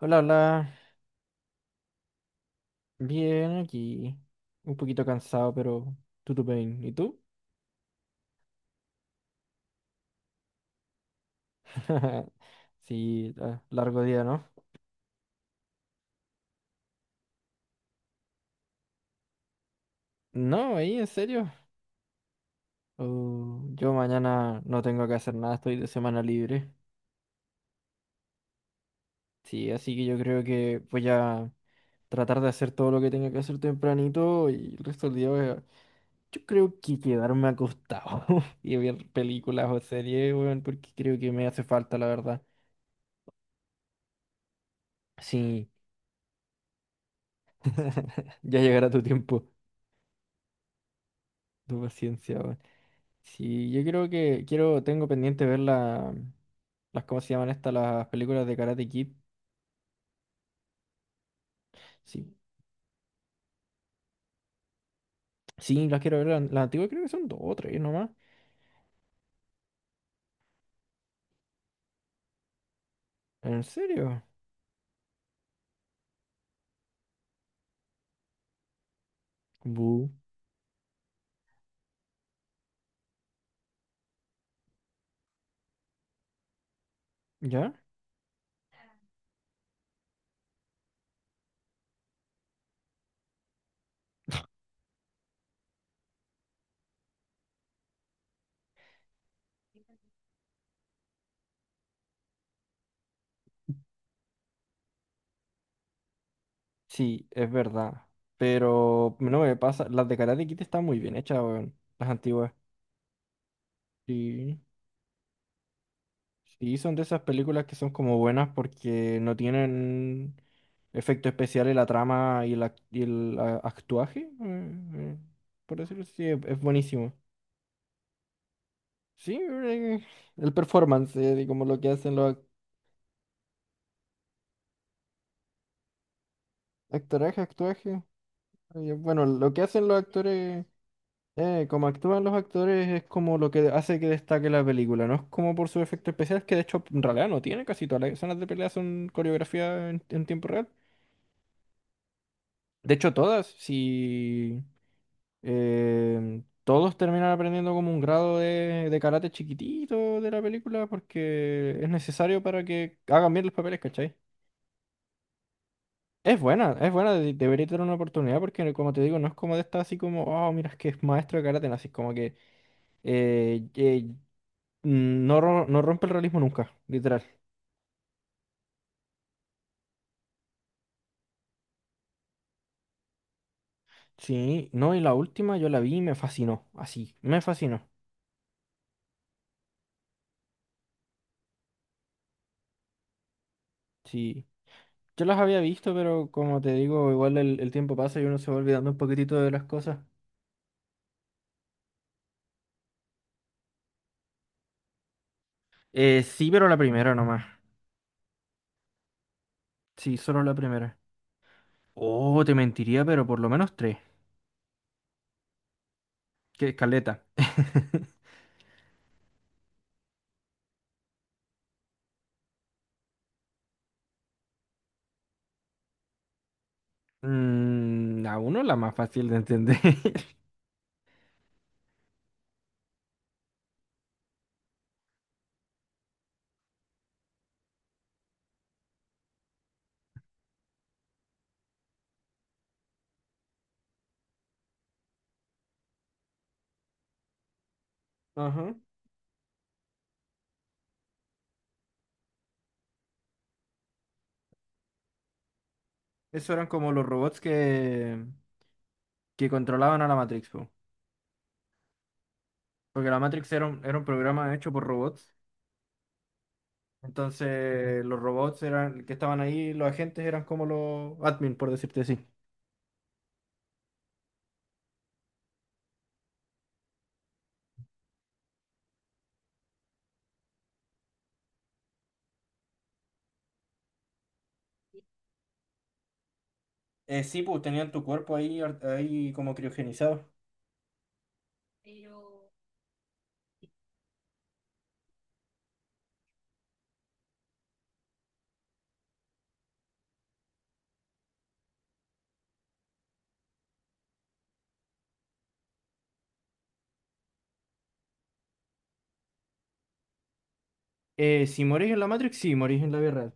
Hola, hola. Bien, aquí. Un poquito cansado, pero tutu bien. ¿Y tú? Sí, largo día, ¿no? No, ahí, en serio. Oh, yo mañana no tengo que hacer nada, estoy de semana libre. Sí, así que yo creo que voy a tratar de hacer todo lo que tenga que hacer tempranito y el resto del día yo creo que quedarme acostado y ver películas o series, weón, porque creo que me hace falta, la verdad. Sí, ya llegará tu tiempo, tu paciencia, weón. Sí, yo creo que quiero, tengo pendiente ver las, ¿cómo se llaman estas? Las películas de Karate Kid. Sí, sí, las quiero ver. Las antiguas creo que son dos o tres nomás. ¿En serio? Bu. ¿Ya? Sí, es verdad. Pero no me pasa. Las de Karate Kid están muy bien hechas, weón. Las antiguas. Sí. Sí, son de esas películas que son como buenas porque no tienen efecto especial en la trama y el actuaje. Por decirlo así, es buenísimo. Sí, el performance, y como lo que hacen actoraje, actuaje. Bueno, lo que hacen los actores, como actúan los actores es como lo que hace que destaque la película, no es como por sus efectos especiales, que de hecho en realidad no tiene casi todas las escenas de pelea son coreografía en tiempo real. De hecho todas, si todos terminan aprendiendo como un grado de karate chiquitito de la película porque es necesario para que hagan bien los papeles, ¿cachai? Es buena, debería tener una oportunidad porque como te digo, no es como de esta así como, oh, mira, es que es maestro de karate, no, así como que eh, eh, no, no rompe el realismo nunca, literal. Sí, no, y la última yo la vi y me fascinó, así, me fascinó. Sí, yo las había visto, pero como te digo, igual el tiempo pasa y uno se va olvidando un poquitito de las cosas. Sí, pero la primera nomás. Sí, solo la primera. Oh, te mentiría, pero por lo menos tres. Que caleta. Mm, a uno la más fácil de entender. Ajá. Eso eran como los robots que controlaban a la Matrix, po. Porque la Matrix era un programa hecho por robots. Entonces, los robots eran que estaban ahí, los agentes eran como los admin, por decirte así. Sí, pues tenían tu cuerpo ahí, ahí como criogenizado. Si morís en la Matrix, sí, morís en la vida real.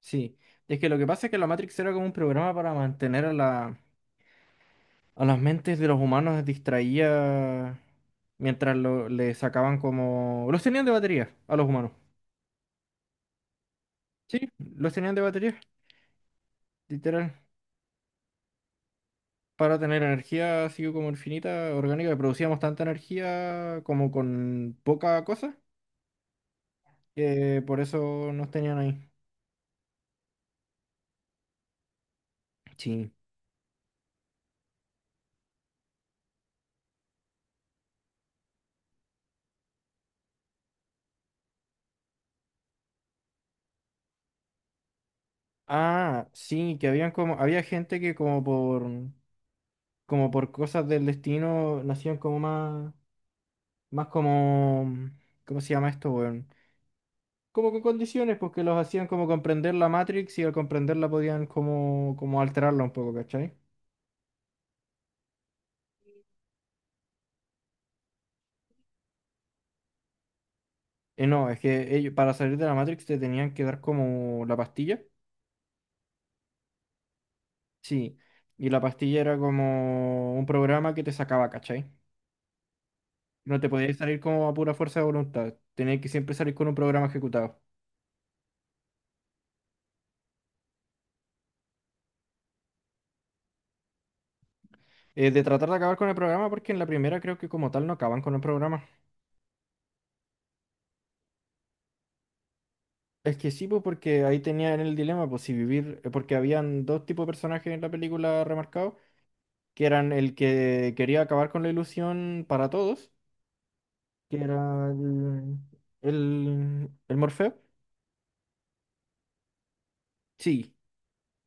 Sí. Es que lo que pasa es que la Matrix era como un programa para mantener a las mentes de los humanos les distraía mientras le sacaban como... Los tenían de batería a los humanos. Sí, los tenían de batería, literal. Para tener energía así como infinita, orgánica, que producíamos tanta energía como con poca cosa, que por eso nos tenían ahí. Sí. Ah, sí, que habían como, había gente que como por cosas del destino nacían como más, más como, ¿cómo se llama esto, weón? Como con condiciones, pues que los hacían como comprender la Matrix y al comprenderla podían como alterarla un poco, ¿cachai? No, es que ellos, para salir de la Matrix te tenían que dar como la pastilla, sí, y la pastilla era como un programa que te sacaba, ¿cachai? No te podías salir como a pura fuerza de voluntad, tenías que siempre salir con un programa ejecutado. De tratar de acabar con el programa, porque en la primera creo que como tal no acaban con el programa. Es que sí, pues porque ahí tenían el dilema, pues si vivir, porque habían dos tipos de personajes en la película remarcados. Que eran el que quería acabar con la ilusión para todos, que era el Morfeo. Sí,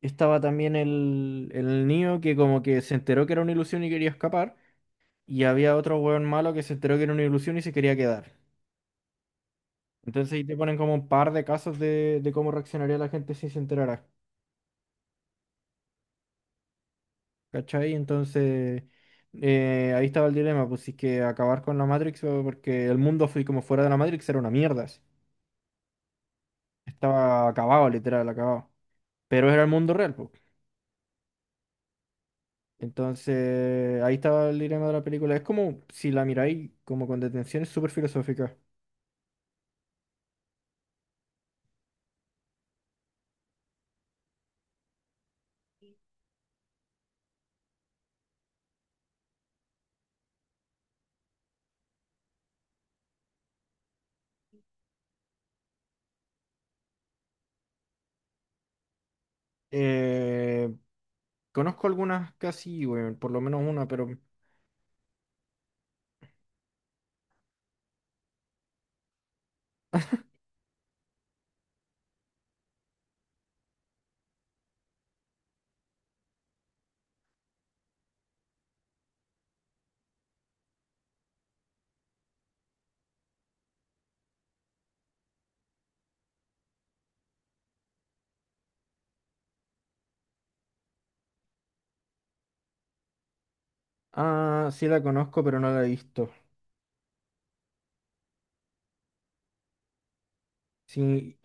estaba también el Neo que como que se enteró que era una ilusión y quería escapar, y había otro hueón malo que se enteró que era una ilusión y se quería quedar. Entonces ahí te ponen como un par de casos de cómo reaccionaría la gente si se enterara, ¿cachai? Entonces ahí estaba el dilema, pues si es que acabar con la Matrix o- porque el mundo fue como fuera de la Matrix era una mierda. Estaba acabado, literal, acabado. Pero era el mundo real, po. Entonces, ahí estaba el dilema de la película. Es como, si la miráis como con detención, es súper filosófica. Eh, conozco algunas casi, bueno, por lo menos una, pero... Ah, sí la conozco, pero no la he visto. Sí,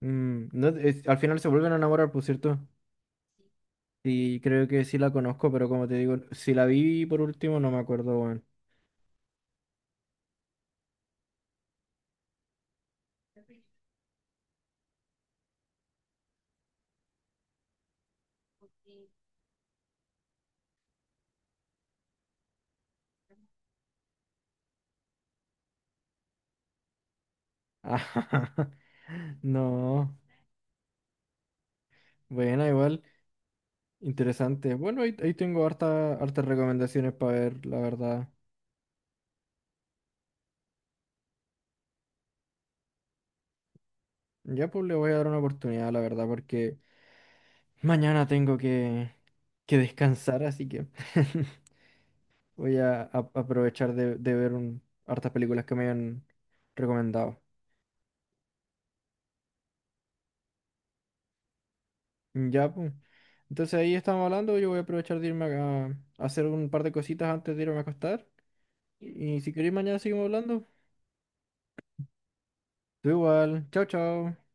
no, al final se vuelven a enamorar, por cierto. Y creo que sí la conozco, pero como te digo, si la vi por último, no me acuerdo, bueno. No, buena igual. Interesante. Bueno, ahí tengo hartas recomendaciones para ver, la verdad. Ya pues le voy a dar una oportunidad, la verdad, porque mañana tengo que descansar, así que voy aprovechar de ver hartas películas que me han recomendado. Ya pues. Entonces ahí estamos hablando, yo voy a aprovechar de irme a hacer un par de cositas antes de irme a acostar. Y, si queréis mañana seguimos hablando. Tú igual. Chao, chao.